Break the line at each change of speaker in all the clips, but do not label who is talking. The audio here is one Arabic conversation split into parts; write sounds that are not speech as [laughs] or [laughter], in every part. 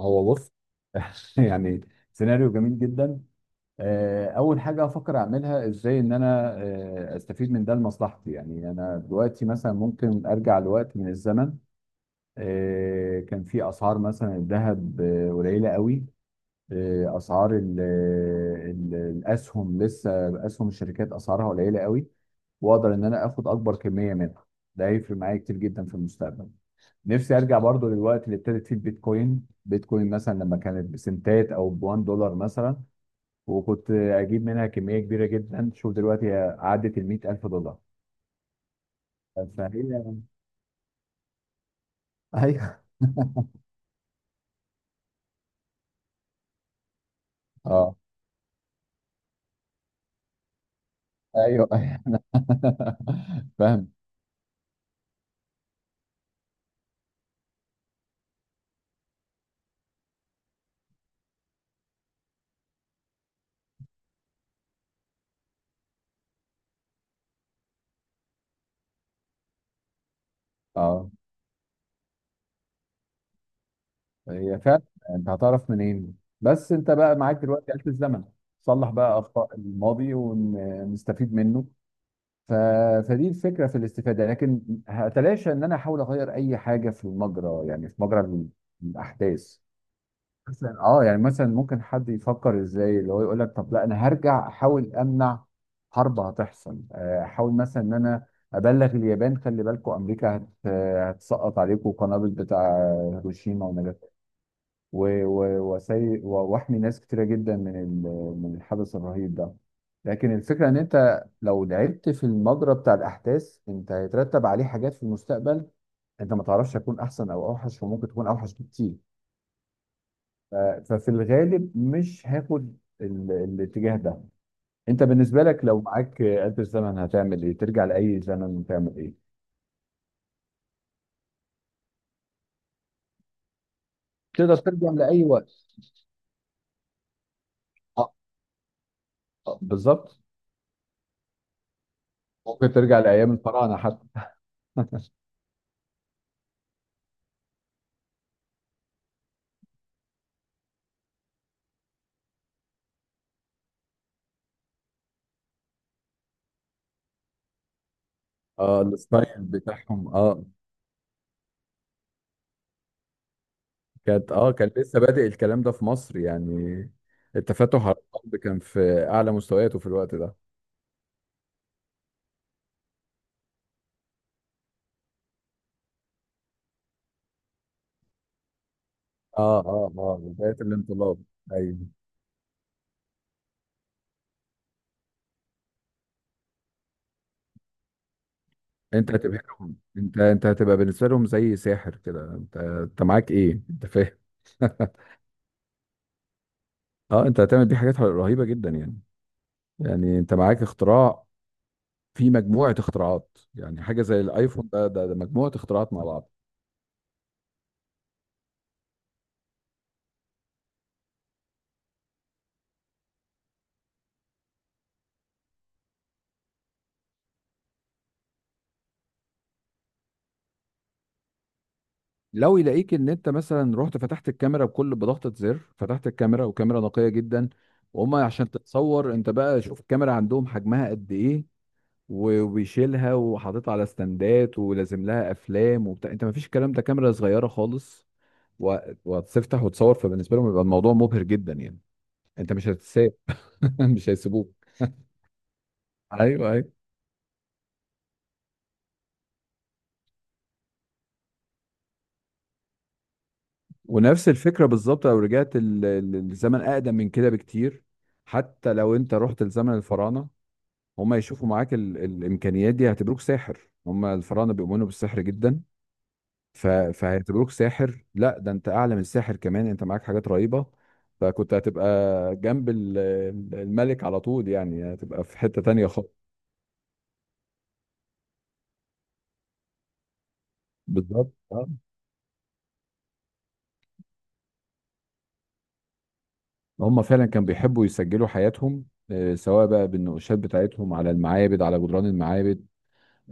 هو بص. [laughs] يعني سيناريو جميل جدا. اول حاجه افكر اعملها ازاي ان انا استفيد من ده لمصلحتي. يعني انا دلوقتي مثلا ممكن ارجع لوقت من الزمن كان في اسعار مثلا الذهب قليله قوي. اسعار ال ال الاسهم لسه اسهم الشركات اسعارها قليله قوي، واقدر ان انا اخد اكبر كميه منها. ده هيفرق معايا كتير جدا في المستقبل. نفسي ارجع برضو للوقت اللي ابتدت فيه البيتكوين مثلا، لما كانت بسنتات او بوان دولار مثلا وكنت اجيب منها كميه كبيره جدا. شوف دلوقتي هي عدت ال $100,000. فهي ايوه. [laughs] اه، ايوه. انا [laughs] فاهم. اه هي فعلا. انت هتعرف منين؟ بس انت بقى معاك دلوقتي آلة الزمن. صلح بقى اخطاء الماضي ونستفيد منه. ف... فدي الفكره في الاستفاده، لكن هتلاشى ان انا احاول اغير اي حاجه في المجرى، يعني في مجرى الاحداث. مثلا اه يعني مثلا ممكن حد يفكر ازاي اللي هو يقول لك طب لا انا هرجع احاول امنع حرب هتحصل، احاول مثلا ان انا ابلغ اليابان خلي بالكم امريكا هتسقط عليكم قنابل بتاع هيروشيما وناجازاكي. واحمي ناس كتيرة جدا من الحدث الرهيب ده. لكن الفكرة ان انت لو لعبت في المجرى بتاع الاحداث، انت هيترتب عليه حاجات في المستقبل. انت ما تعرفش هيكون احسن او اوحش، وممكن تكون اوحش بكتير. ف- ففي الغالب مش هاخد الاتجاه ده. انت بالنسبة لك لو معاك آلة الزمن هتعمل ايه؟ ترجع لأي زمن وتعمل ايه؟ تقدر ترجع لأي وقت. آه، بالظبط. ممكن ترجع لأيام الفراعنة حتى. اه الستايل بتاعهم اه كانت اه كان لسه بادئ الكلام ده في مصر يعني. التفتح على الارض كان في اعلى مستوياته في الوقت ده. اه اه اه بداية الانقلاب. ايوه. انت هتبهرهم، انت انت هتبقى بالنسبه لهم زي ساحر كده. انت انت معاك ايه؟ انت فاهم؟ [laughs] اه انت هتعمل بيه حاجات رهيبه جدا يعني. يعني انت معاك اختراع، في مجموعه اختراعات، يعني حاجه زي الايفون ده مجموعه اختراعات مع بعض. لو يلاقيك ان انت مثلا رحت فتحت الكاميرا بكل بضغطة زر، فتحت الكاميرا وكاميرا نقية جدا. وهم عشان تتصور انت بقى شوف الكاميرا عندهم حجمها قد ايه. وبيشيلها وحاططها على ستاندات ولازم لها افلام وبتاع. انت ما فيش الكلام ده، كاميرا صغيرة خالص. و- وهتفتح وتصور. فبالنسبة لهم يبقى الموضوع مبهر جدا يعني. انت مش هتتساب. [laughs] مش هيسيبوك. ايوه ايوه. ونفس الفكرة بالظبط لو رجعت الزمن اقدم من كده بكتير. حتى لو انت رحت لزمن الفراعنة، هم يشوفوا معاك الامكانيات دي هيعتبروك ساحر. هم الفراعنه بيؤمنوا بالسحر جدا. فهيعتبروك ساحر. لا ده انت اعلى من الساحر كمان، انت معاك حاجات رهيبه. فكنت هتبقى جنب الملك على طول، يعني هتبقى في حته تانية خالص. بالظبط اه. هم فعلا كانوا بيحبوا يسجلوا حياتهم، سواء بقى بالنقوشات بتاعتهم على المعابد على جدران المعابد.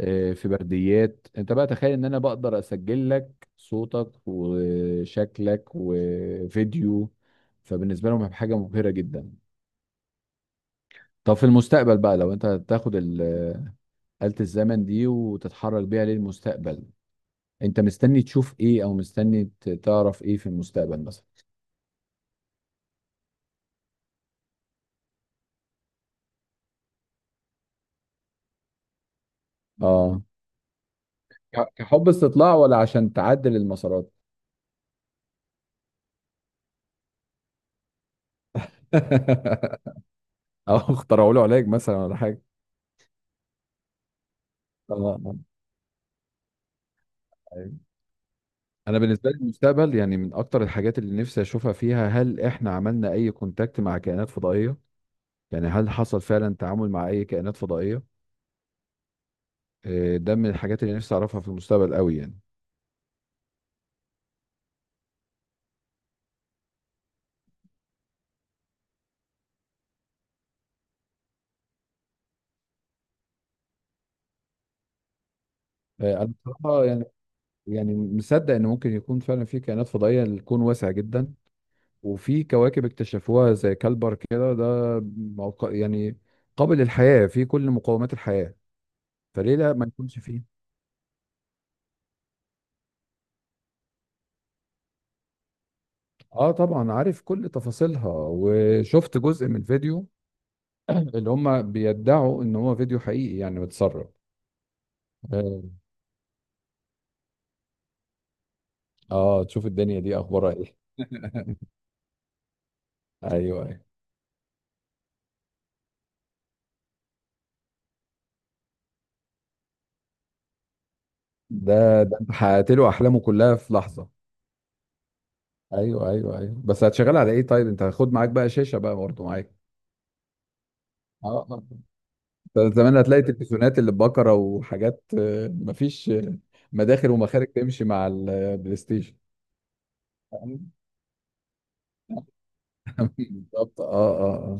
في برديات. انت بقى تخيل ان انا بقدر اسجل لك صوتك وشكلك وفيديو. فبالنسبه لهم هيبقى حاجه مبهره جدا. طب في المستقبل بقى لو انت هتاخد آلة الزمن دي وتتحرك بيها للمستقبل، انت مستني تشوف ايه او مستني تعرف ايه في المستقبل مثلا؟ اه كحب استطلاع ولا عشان تعدل المسارات؟ [laughs] او اخترعوا له علاج مثلا ولا حاجه. اه انا بالنسبه لي المستقبل يعني من اكتر الحاجات اللي نفسي اشوفها فيها، هل احنا عملنا اي كونتاكت مع كائنات فضائيه؟ يعني هل حصل فعلا تعامل مع اي كائنات فضائيه؟ ده من الحاجات اللي نفسي اعرفها في المستقبل قوي يعني. انا بصراحه يعني يعني مصدق ان ممكن يكون فعلا في كائنات فضائيه. الكون واسع جدا، وفي كواكب اكتشفوها زي كالبر كده ده يعني قابل للحياه، في كل مقومات الحياه. فليه لا ما يكونش فيه؟ اه طبعا عارف كل تفاصيلها، وشفت جزء من فيديو اللي هم بيدعوا ان هو فيديو حقيقي يعني متسرب. اه تشوف الدنيا دي اخبارها ايه. [laughs] ايوه ايوه. ده ده انت حققت له احلامه كلها في لحظه. ايوه ايوه ايوه. بس هتشغل على ايه طيب؟ انت هتاخد معاك بقى شاشه بقى برضه معاك؟ اه. ده زمان هتلاقي تلفزيونات اللي ببكره وحاجات، آه، مفيش آه، مداخل ومخارج تمشي مع البلاي ستيشن. [laughs] بالظبط اه اه آه.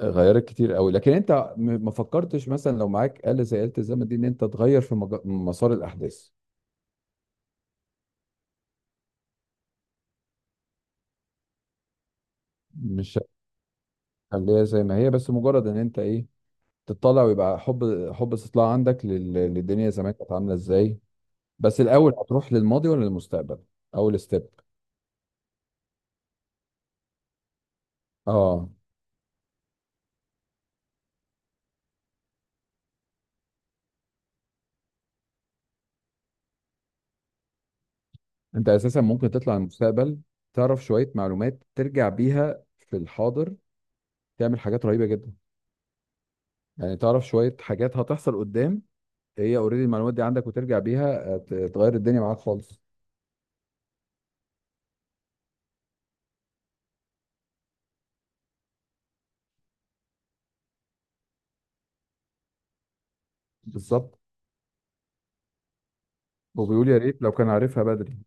غيرت كتير قوي. لكن انت ما فكرتش مثلا لو معاك آلة زي آلة الزمن دي ان انت تغير في مسار الاحداث؟ مش هتخليها زي ما هي؟ بس مجرد ان انت ايه تطلع ويبقى حب حب استطلاع عندك للدنيا زمان كانت عامله ازاي. بس الاول هتروح للماضي ولا للمستقبل؟ اول ستيب. اه انت اساسا ممكن تطلع المستقبل تعرف شويه معلومات ترجع بيها في الحاضر تعمل حاجات رهيبه جدا. يعني تعرف شويه حاجات هتحصل قدام، هي اوريدي المعلومات دي عندك وترجع بيها تغير الدنيا معاك خالص. بالظبط. وبيقول يا ريت لو كان عارفها بدري.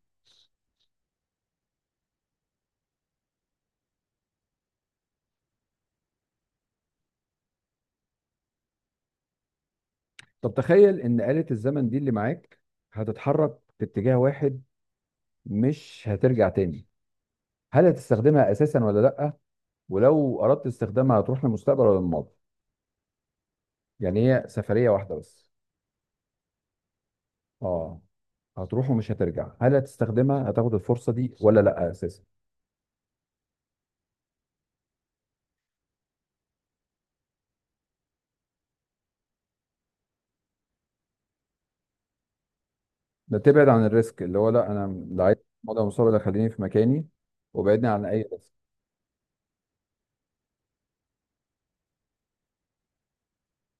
طب تخيل ان آلة الزمن دي اللي معاك هتتحرك في اتجاه واحد، مش هترجع تاني. هل هتستخدمها اساسا ولا لا؟ ولو اردت استخدامها هتروح للمستقبل ولا للماضي؟ يعني هي سفرية واحدة بس. اه هتروح ومش هترجع. هل هتستخدمها هتاخد الفرصة دي ولا لا اساسا؟ ده تبعد عن الريسك، اللي هو لا انا لا عايز الماضي ولا المستقبل، خليني في مكاني وبعدني عن اي ريسك.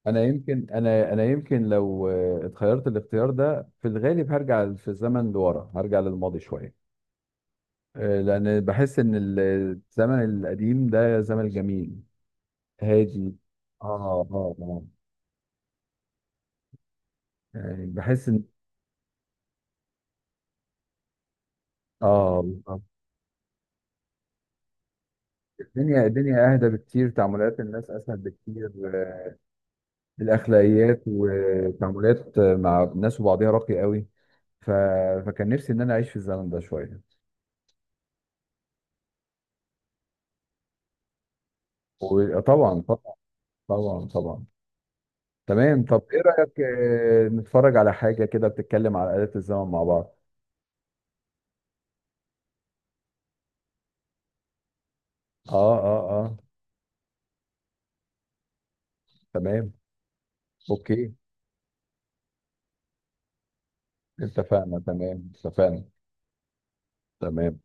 انا يمكن لو اتخيرت الاختيار ده في الغالب هرجع في الزمن لورا، هرجع للماضي شويه، لان بحس ان الزمن القديم ده زمن جميل، هادي. اه اه اه يعني بحس ان اه بالظبط. الدنيا اهدى بكتير، تعاملات الناس اسهل بكتير. آه، الاخلاقيات وتعاملات مع الناس وبعضها راقي قوي. ف... فكان نفسي ان انا اعيش في الزمن ده شويه. وطبعا طبعا طبعا طبعا تمام. طب ايه رأيك نتفرج على حاجة كده بتتكلم على آلة الزمن مع بعض؟ اه اه اه تمام. اوكي اتفقنا تمام اتفقنا تمام.